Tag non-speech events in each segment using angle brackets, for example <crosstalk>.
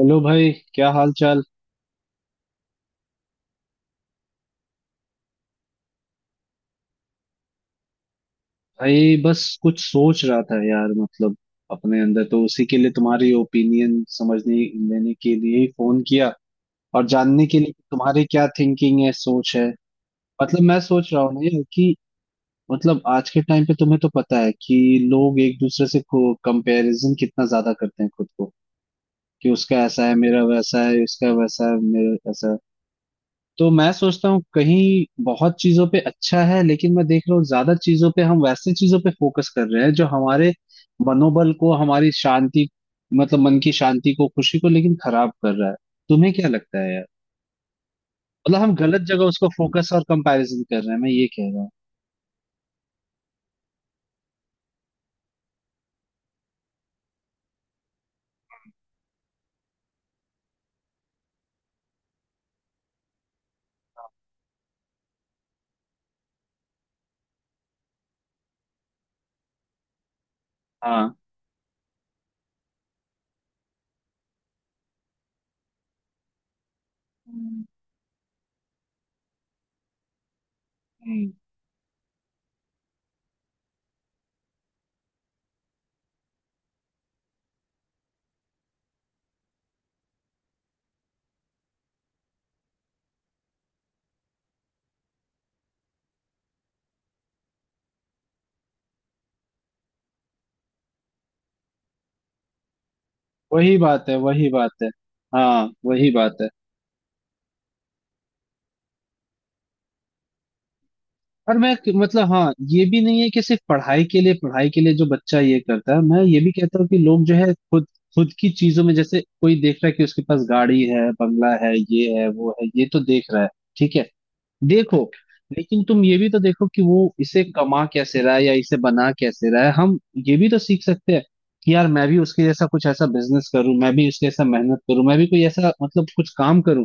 Hello भाई, क्या हाल चाल। भाई बस कुछ सोच रहा था यार। मतलब अपने अंदर तो उसी के लिए तुम्हारी ओपिनियन समझने लेने के लिए ही फोन किया, और जानने के लिए कि तुम्हारी क्या थिंकिंग है, सोच है। मतलब मैं सोच रहा हूँ ना यार कि मतलब आज के टाइम पे तुम्हें तो पता है कि लोग एक दूसरे से कंपैरिजन कितना ज्यादा करते हैं खुद को, कि उसका ऐसा है मेरा वैसा है, उसका वैसा है मेरा ऐसा है। तो मैं सोचता हूँ कहीं बहुत चीजों पे अच्छा है, लेकिन मैं देख रहा हूँ ज्यादा चीजों पे हम वैसे चीजों पे फोकस कर रहे हैं जो हमारे मनोबल को, हमारी शांति, मतलब मन की शांति को, खुशी को लेकिन खराब कर रहा है। तुम्हें क्या लगता है यार। मतलब हम गलत जगह उसको फोकस और कंपैरिजन कर रहे हैं, मैं ये कह रहा हूँ। हाँ। हम्म, हम्म, वही बात है, वही बात है। हाँ, वही बात है। और मैं, मतलब हाँ ये भी नहीं है कि सिर्फ पढ़ाई के लिए, पढ़ाई के लिए जो बच्चा ये करता है। मैं ये भी कहता हूँ कि लोग जो है खुद खुद की चीजों में, जैसे कोई देख रहा है कि उसके पास गाड़ी है, बंगला है, ये है वो है, ये तो देख रहा है। ठीक है, देखो, लेकिन तुम ये भी तो देखो कि वो इसे कमा कैसे रहा है या इसे बना कैसे रहा है। हम ये भी तो सीख सकते हैं कि यार मैं भी उसके जैसा कुछ ऐसा बिजनेस करूं, मैं भी उसके जैसा मेहनत करूं, मैं भी कोई ऐसा मतलब कुछ काम करूं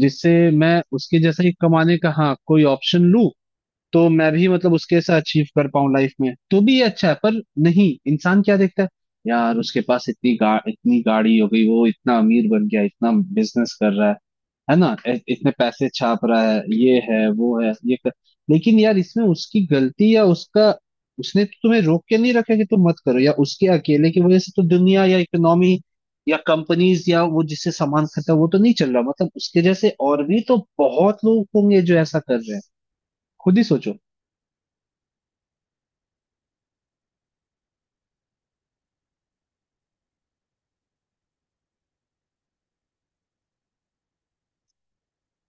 जिससे मैं उसके जैसा ही कमाने का, हाँ, कोई ऑप्शन लूं। तो मैं भी मतलब उसके जैसा अचीव कर पाऊं लाइफ में, तो भी ये अच्छा है। पर नहीं, इंसान क्या देखता है, यार उसके पास इतनी इतनी गाड़ी हो गई, वो इतना अमीर बन गया, इतना बिजनेस कर रहा है ना। इतने पैसे छाप रहा है, ये है वो है, ये कर... लेकिन यार इसमें उसकी गलती या उसका, उसने तो तुम्हें रोक के नहीं रखा कि तुम मत करो। या उसके अकेले की वजह से तो दुनिया या इकोनॉमी या कंपनीज या वो जिससे सामान खरीदता है वो तो नहीं चल रहा। मतलब उसके जैसे और भी तो बहुत लोग होंगे जो ऐसा कर रहे हैं, खुद ही सोचो।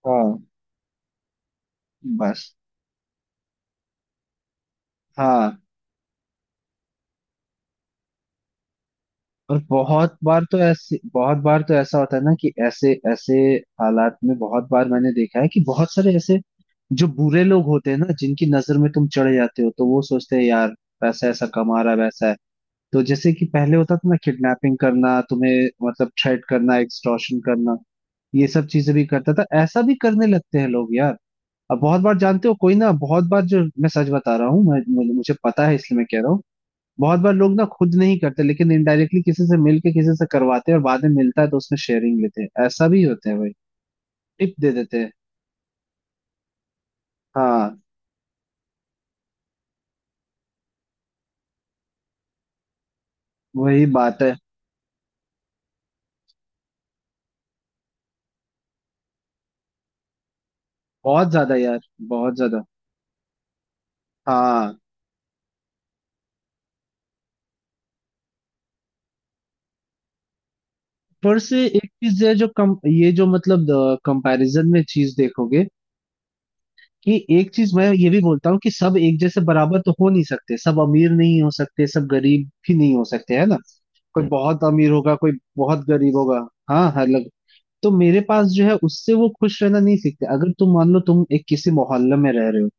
हाँ, बस। हाँ। और बहुत बार तो ऐसे, बहुत बार तो ऐसा होता है ना कि ऐसे ऐसे हालात में बहुत बार मैंने देखा है कि बहुत सारे ऐसे जो बुरे लोग होते हैं ना, जिनकी नजर में तुम चढ़ जाते हो, तो वो सोचते हैं यार पैसा ऐसा कमा रहा है, वैसा है। तो जैसे कि पहले होता था ना, किडनैपिंग करना, तुम्हें मतलब थ्रेट करना, एक्सटॉर्शन करना, ये सब चीजें भी करता था, ऐसा भी करने लगते हैं लोग यार। अब बहुत बार जानते हो कोई ना, बहुत बार जो मैं सच बता रहा हूँ मैं, मुझे मुझे पता है इसलिए मैं कह रहा हूँ। बहुत बार लोग ना खुद नहीं करते लेकिन इनडायरेक्टली किसी से मिल के किसी से करवाते हैं, और बाद में मिलता है तो उसमें शेयरिंग लेते हैं। ऐसा भी होता है भाई। टिप दे देते हैं। हाँ, वही बात है। बहुत ज्यादा यार, बहुत ज्यादा। हाँ। पर से एक चीज है जो कम, ये जो मतलब कंपैरिजन में चीज देखोगे कि, एक चीज मैं ये भी बोलता हूँ कि सब एक जैसे बराबर तो हो नहीं सकते, सब अमीर नहीं हो सकते, सब गरीब भी नहीं हो सकते, है ना। कोई बहुत अमीर होगा, कोई बहुत गरीब होगा। हाँ, हर। तो मेरे पास जो है उससे वो खुश रहना नहीं सीखते। अगर तुम मान लो तुम एक किसी मोहल्ले में रह रहे हो,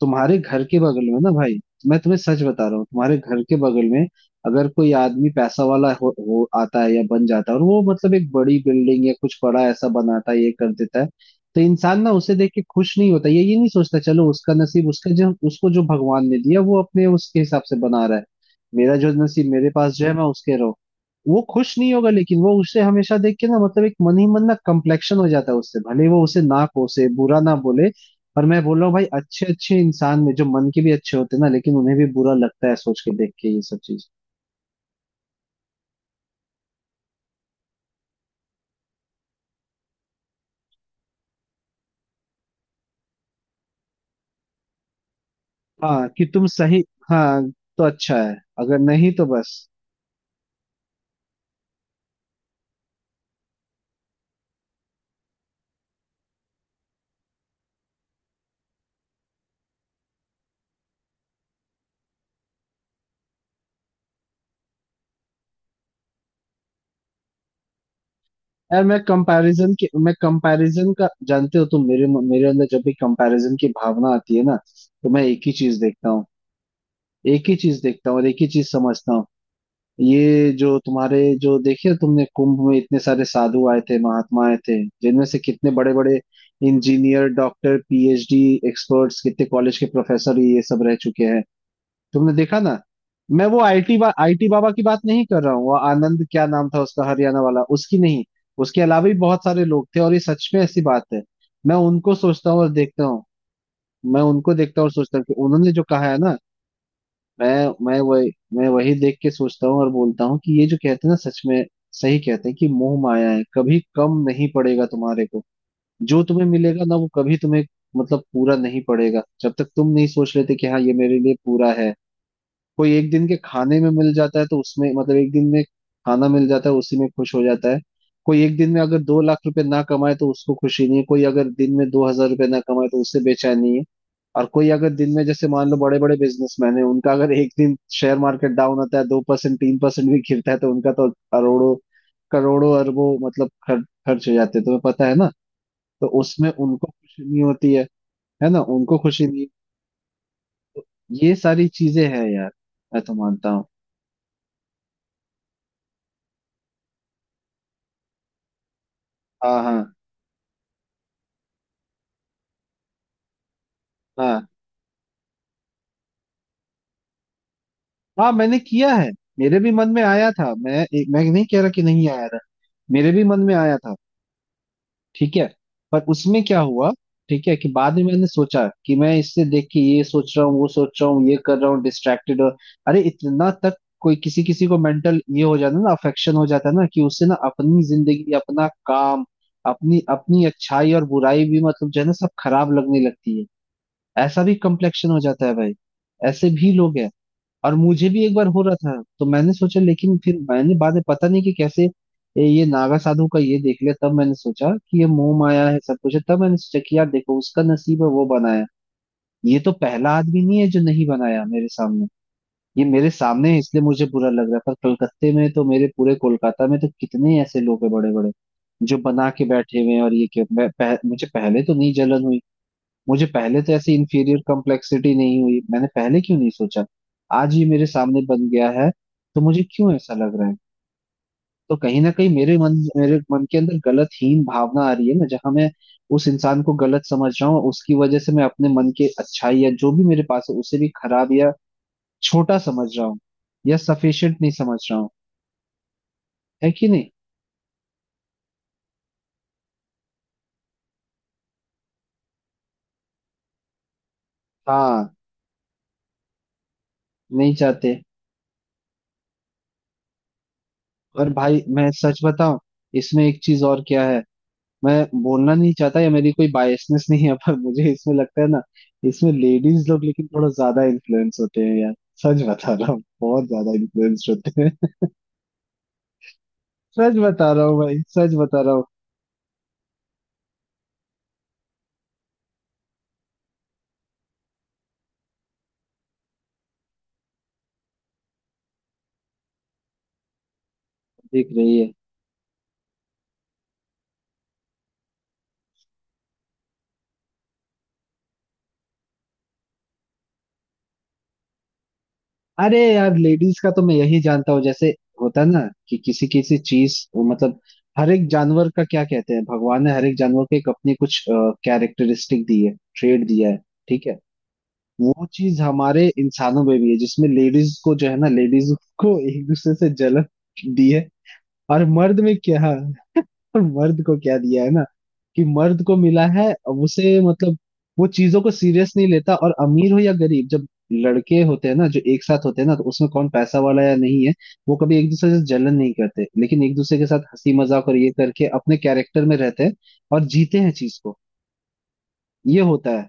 तुम्हारे घर के बगल में ना भाई, मैं तुम्हें सच बता रहा हूँ, तुम्हारे घर के बगल में अगर कोई आदमी पैसा वाला हो आता है या बन जाता है और वो मतलब एक बड़ी बिल्डिंग या कुछ बड़ा ऐसा बनाता है, ये कर देता है, तो इंसान ना उसे देख के खुश नहीं होता। ये नहीं सोचता चलो उसका नसीब, उसका जो उसको जो भगवान ने दिया वो अपने उसके हिसाब से बना रहा है। मेरा जो नसीब मेरे पास जो है मैं उसके रहो, वो खुश नहीं होगा। लेकिन वो उसे हमेशा देख के ना, मतलब एक मन ही मन ना कम्प्लेक्शन हो जाता है उससे, भले वो उसे ना कोसे, बुरा ना बोले। पर मैं बोल रहा हूँ भाई, अच्छे अच्छे इंसान में जो मन के भी अच्छे होते हैं ना, लेकिन उन्हें भी बुरा लगता है सोच के देख के ये सब चीज। हाँ कि तुम सही, हाँ तो अच्छा है, अगर नहीं तो बस। यार मैं कंपैरिजन के, मैं कंपैरिजन का, जानते हो तुम, मेरे मेरे अंदर जब भी कंपैरिजन की भावना आती है ना, तो मैं एक ही चीज देखता हूँ, एक ही चीज देखता हूँ और एक ही चीज समझता हूँ। ये जो तुम्हारे जो, देखिए तुमने कुंभ में इतने सारे साधु आए थे, महात्मा आए थे, जिनमें से कितने बड़े बड़े इंजीनियर, डॉक्टर, पीएचडी एक्सपर्ट्स, कितने कॉलेज के प्रोफेसर ये सब रह चुके हैं, तुमने देखा ना। मैं वो आईटी बाबा की बात नहीं कर रहा हूँ, वो आनंद क्या नाम था उसका, हरियाणा वाला, उसकी नहीं। उसके अलावा भी बहुत सारे लोग थे, और ये सच में ऐसी बात है। मैं उनको सोचता हूँ और देखता हूँ, मैं उनको देखता हूँ और सोचता हूँ कि उन्होंने जो कहा है ना, मैं मैं वही देख के सोचता हूँ और बोलता हूँ कि ये जो कहते हैं ना, सच में सही कहते हैं कि मोह माया है, कभी कम नहीं पड़ेगा तुम्हारे को। जो तुम्हें मिलेगा ना, वो कभी तुम्हें मतलब पूरा नहीं पड़ेगा जब तक तुम नहीं सोच लेते कि हाँ ये मेरे लिए पूरा है। कोई एक दिन के खाने में मिल जाता है तो उसमें मतलब एक दिन में खाना मिल जाता है उसी में खुश हो जाता है। कोई एक दिन में अगर 2 लाख रुपए ना कमाए तो उसको खुशी नहीं है। कोई अगर दिन में 2 हजार रुपये ना कमाए तो उससे बेचैनी है। और कोई अगर दिन में जैसे मान लो बड़े बड़े बिजनेसमैन है, उनका अगर एक दिन शेयर मार्केट डाउन होता है, 2% 3% भी गिरता है तो उनका तो करोड़ों करोड़ों अरबों मतलब खर्च हो जाते हैं, तुम्हें पता है ना। तो उसमें उनको खुशी नहीं होती है ना, उनको खुशी नहीं। ये सारी चीजें हैं यार, मैं तो मानता हूँ। हाँ हाँ। हाँ, हाँ मैंने किया है। मेरे भी मन में आया था, मैं मैं नहीं कह रहा कि नहीं आया था, मेरे भी मन में आया था। ठीक है, पर उसमें क्या हुआ, ठीक है, कि बाद में मैंने सोचा कि मैं इससे देख के ये सोच रहा हूँ, वो सोच रहा हूँ, ये कर रहा हूँ डिस्ट्रैक्टेड और अरे इतना तक, कोई किसी किसी को मेंटल ये हो जाता है ना, अफेक्शन हो जाता है ना, कि उससे ना अपनी जिंदगी, अपना काम, अपनी अपनी अच्छाई और बुराई भी, मतलब जो है ना, सब खराब लगने लगती है। ऐसा भी कम्प्लेक्शन हो जाता है भाई, ऐसे भी लोग हैं। और मुझे भी एक बार हो रहा था तो मैंने सोचा, लेकिन फिर मैंने बाद में पता नहीं कि कैसे, ये नागा साधु का ये देख लिया तब मैंने सोचा कि ये मोह माया है, सब कुछ है। तब मैंने सोचा कि यार देखो उसका नसीब है वो बनाया, ये तो पहला आदमी नहीं है जो नहीं बनाया मेरे सामने। ये मेरे सामने है इसलिए मुझे बुरा लग रहा है, पर कलकत्ते में तो मेरे, पूरे कोलकाता में तो कितने ऐसे लोग हैं बड़े बड़े जो बना के बैठे हुए हैं। और ये क्यों मुझे पहले तो नहीं जलन हुई, मुझे पहले तो ऐसी इंफीरियर कॉम्प्लेक्सिटी नहीं हुई, मैंने पहले क्यों नहीं सोचा। आज ये मेरे सामने बन गया है तो मुझे क्यों ऐसा लग रहा है। तो कहीं ना कहीं मेरे मन के अंदर गलत हीन भावना आ रही है ना, जहां मैं उस इंसान को गलत समझ रहा हूँ, उसकी वजह से मैं अपने मन के अच्छाई या जो भी मेरे पास है उसे भी खराब या छोटा समझ रहा हूँ, या सफिशियंट नहीं समझ रहा हूँ। है कि नहीं। हाँ, नहीं चाहते। और भाई मैं सच बताऊं, इसमें एक चीज और क्या है, मैं बोलना नहीं चाहता या मेरी कोई बायसनेस नहीं है, पर मुझे इसमें लगता है ना, इसमें लेडीज लोग लेकिन थोड़ा ज्यादा इन्फ्लुएंस होते हैं यार, सच बता रहा हूँ। बहुत ज्यादा इन्फ्लुएंस होते हैं, सच बता रहा हूँ भाई, सच बता रहा हूँ। दिख रही है। अरे यार लेडीज का तो मैं यही जानता हूँ, जैसे होता है ना कि किसी किसी चीज मतलब, हर एक जानवर का क्या कहते हैं, भगवान ने हर एक जानवर को एक अपनी कुछ कैरेक्टरिस्टिक दी है, ट्रेड दिया है, ठीक है। वो चीज हमारे इंसानों में भी है, जिसमें लेडीज को जो है ना, लेडीज को एक दूसरे से जलन दी है। और मर्द में क्या, और मर्द को क्या दिया है ना, कि मर्द को मिला है अब उसे मतलब वो चीजों को सीरियस नहीं लेता। और अमीर हो या गरीब, जब लड़के होते हैं ना जो एक साथ होते हैं ना, तो उसमें कौन पैसा वाला या नहीं है वो कभी एक दूसरे से जलन नहीं करते, लेकिन एक दूसरे के साथ हंसी मजाक और ये करके अपने कैरेक्टर में रहते हैं और जीते हैं चीज को। ये होता है,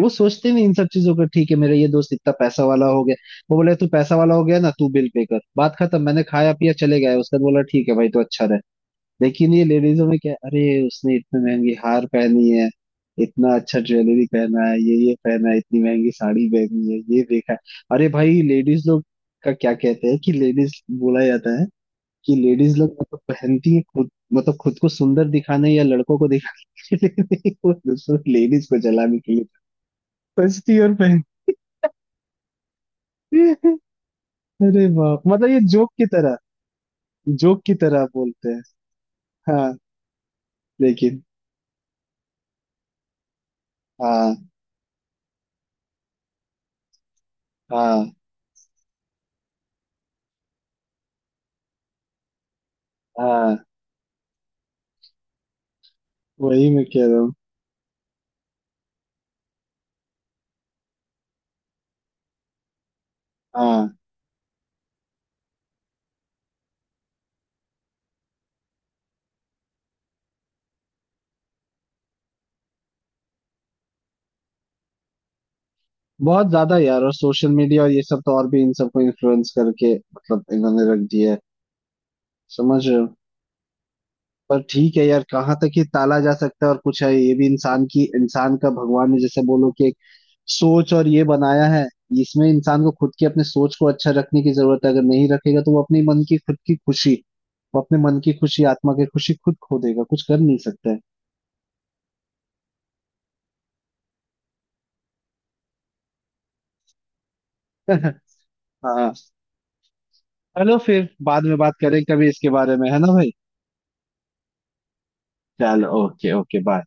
वो सोचते नहीं इन सब चीजों का। ठीक है मेरा ये दोस्त इतना पैसा वाला हो गया, वो बोले तू पैसा वाला हो गया ना तू बिल पे कर, बात खत्म, मैंने खाया पिया चले गए। उसके बाद बोला ठीक है भाई तो अच्छा रहे। लेकिन ये लेडीजों में क्या, अरे उसने इतनी महंगी हार पहनी है, इतना अच्छा ज्वेलरी पहना है, ये पहना है, इतनी महंगी साड़ी पहनी है ये देखा है। अरे भाई लेडीज लोग का क्या कहते हैं कि, लेडीज बोला जाता है कि लेडीज लोग मतलब पहनती है खुद मतलब खुद को सुंदर दिखाने या लड़कों को दिखाने के लिए नहीं, वो दूसरों लेडीज को जलाने के लिए, सस्ती और महंगी। <laughs> अरे बाप, मतलब ये जोक की तरह, जोक की तरह आप बोलते हैं। हाँ, लेकिन। हाँ हाँ हाँ। वही मैं कह रहा हूँ। हाँ, बहुत ज्यादा यार, और सोशल मीडिया और ये सब तो और भी इन सबको इन्फ्लुएंस करके मतलब इन्होंने रख दिया है, समझ रहे हो। पर ठीक है यार, कहाँ तक ये टाला जा सकता है, और कुछ है ये भी इंसान की, इंसान का भगवान ने जैसे बोलो कि एक सोच और ये बनाया है। इसमें इंसान को खुद की अपने सोच को अच्छा रखने की जरूरत है, अगर नहीं रखेगा तो वो अपने मन की खुद की खुशी, वो अपने मन की खुशी, आत्मा की खुशी खुद खो देगा, कुछ कर नहीं सकता है। <laughs> हाँ, चलो फिर बाद में बात करें कभी इसके बारे में, है ना भाई। चलो, ओके ओके, बाय।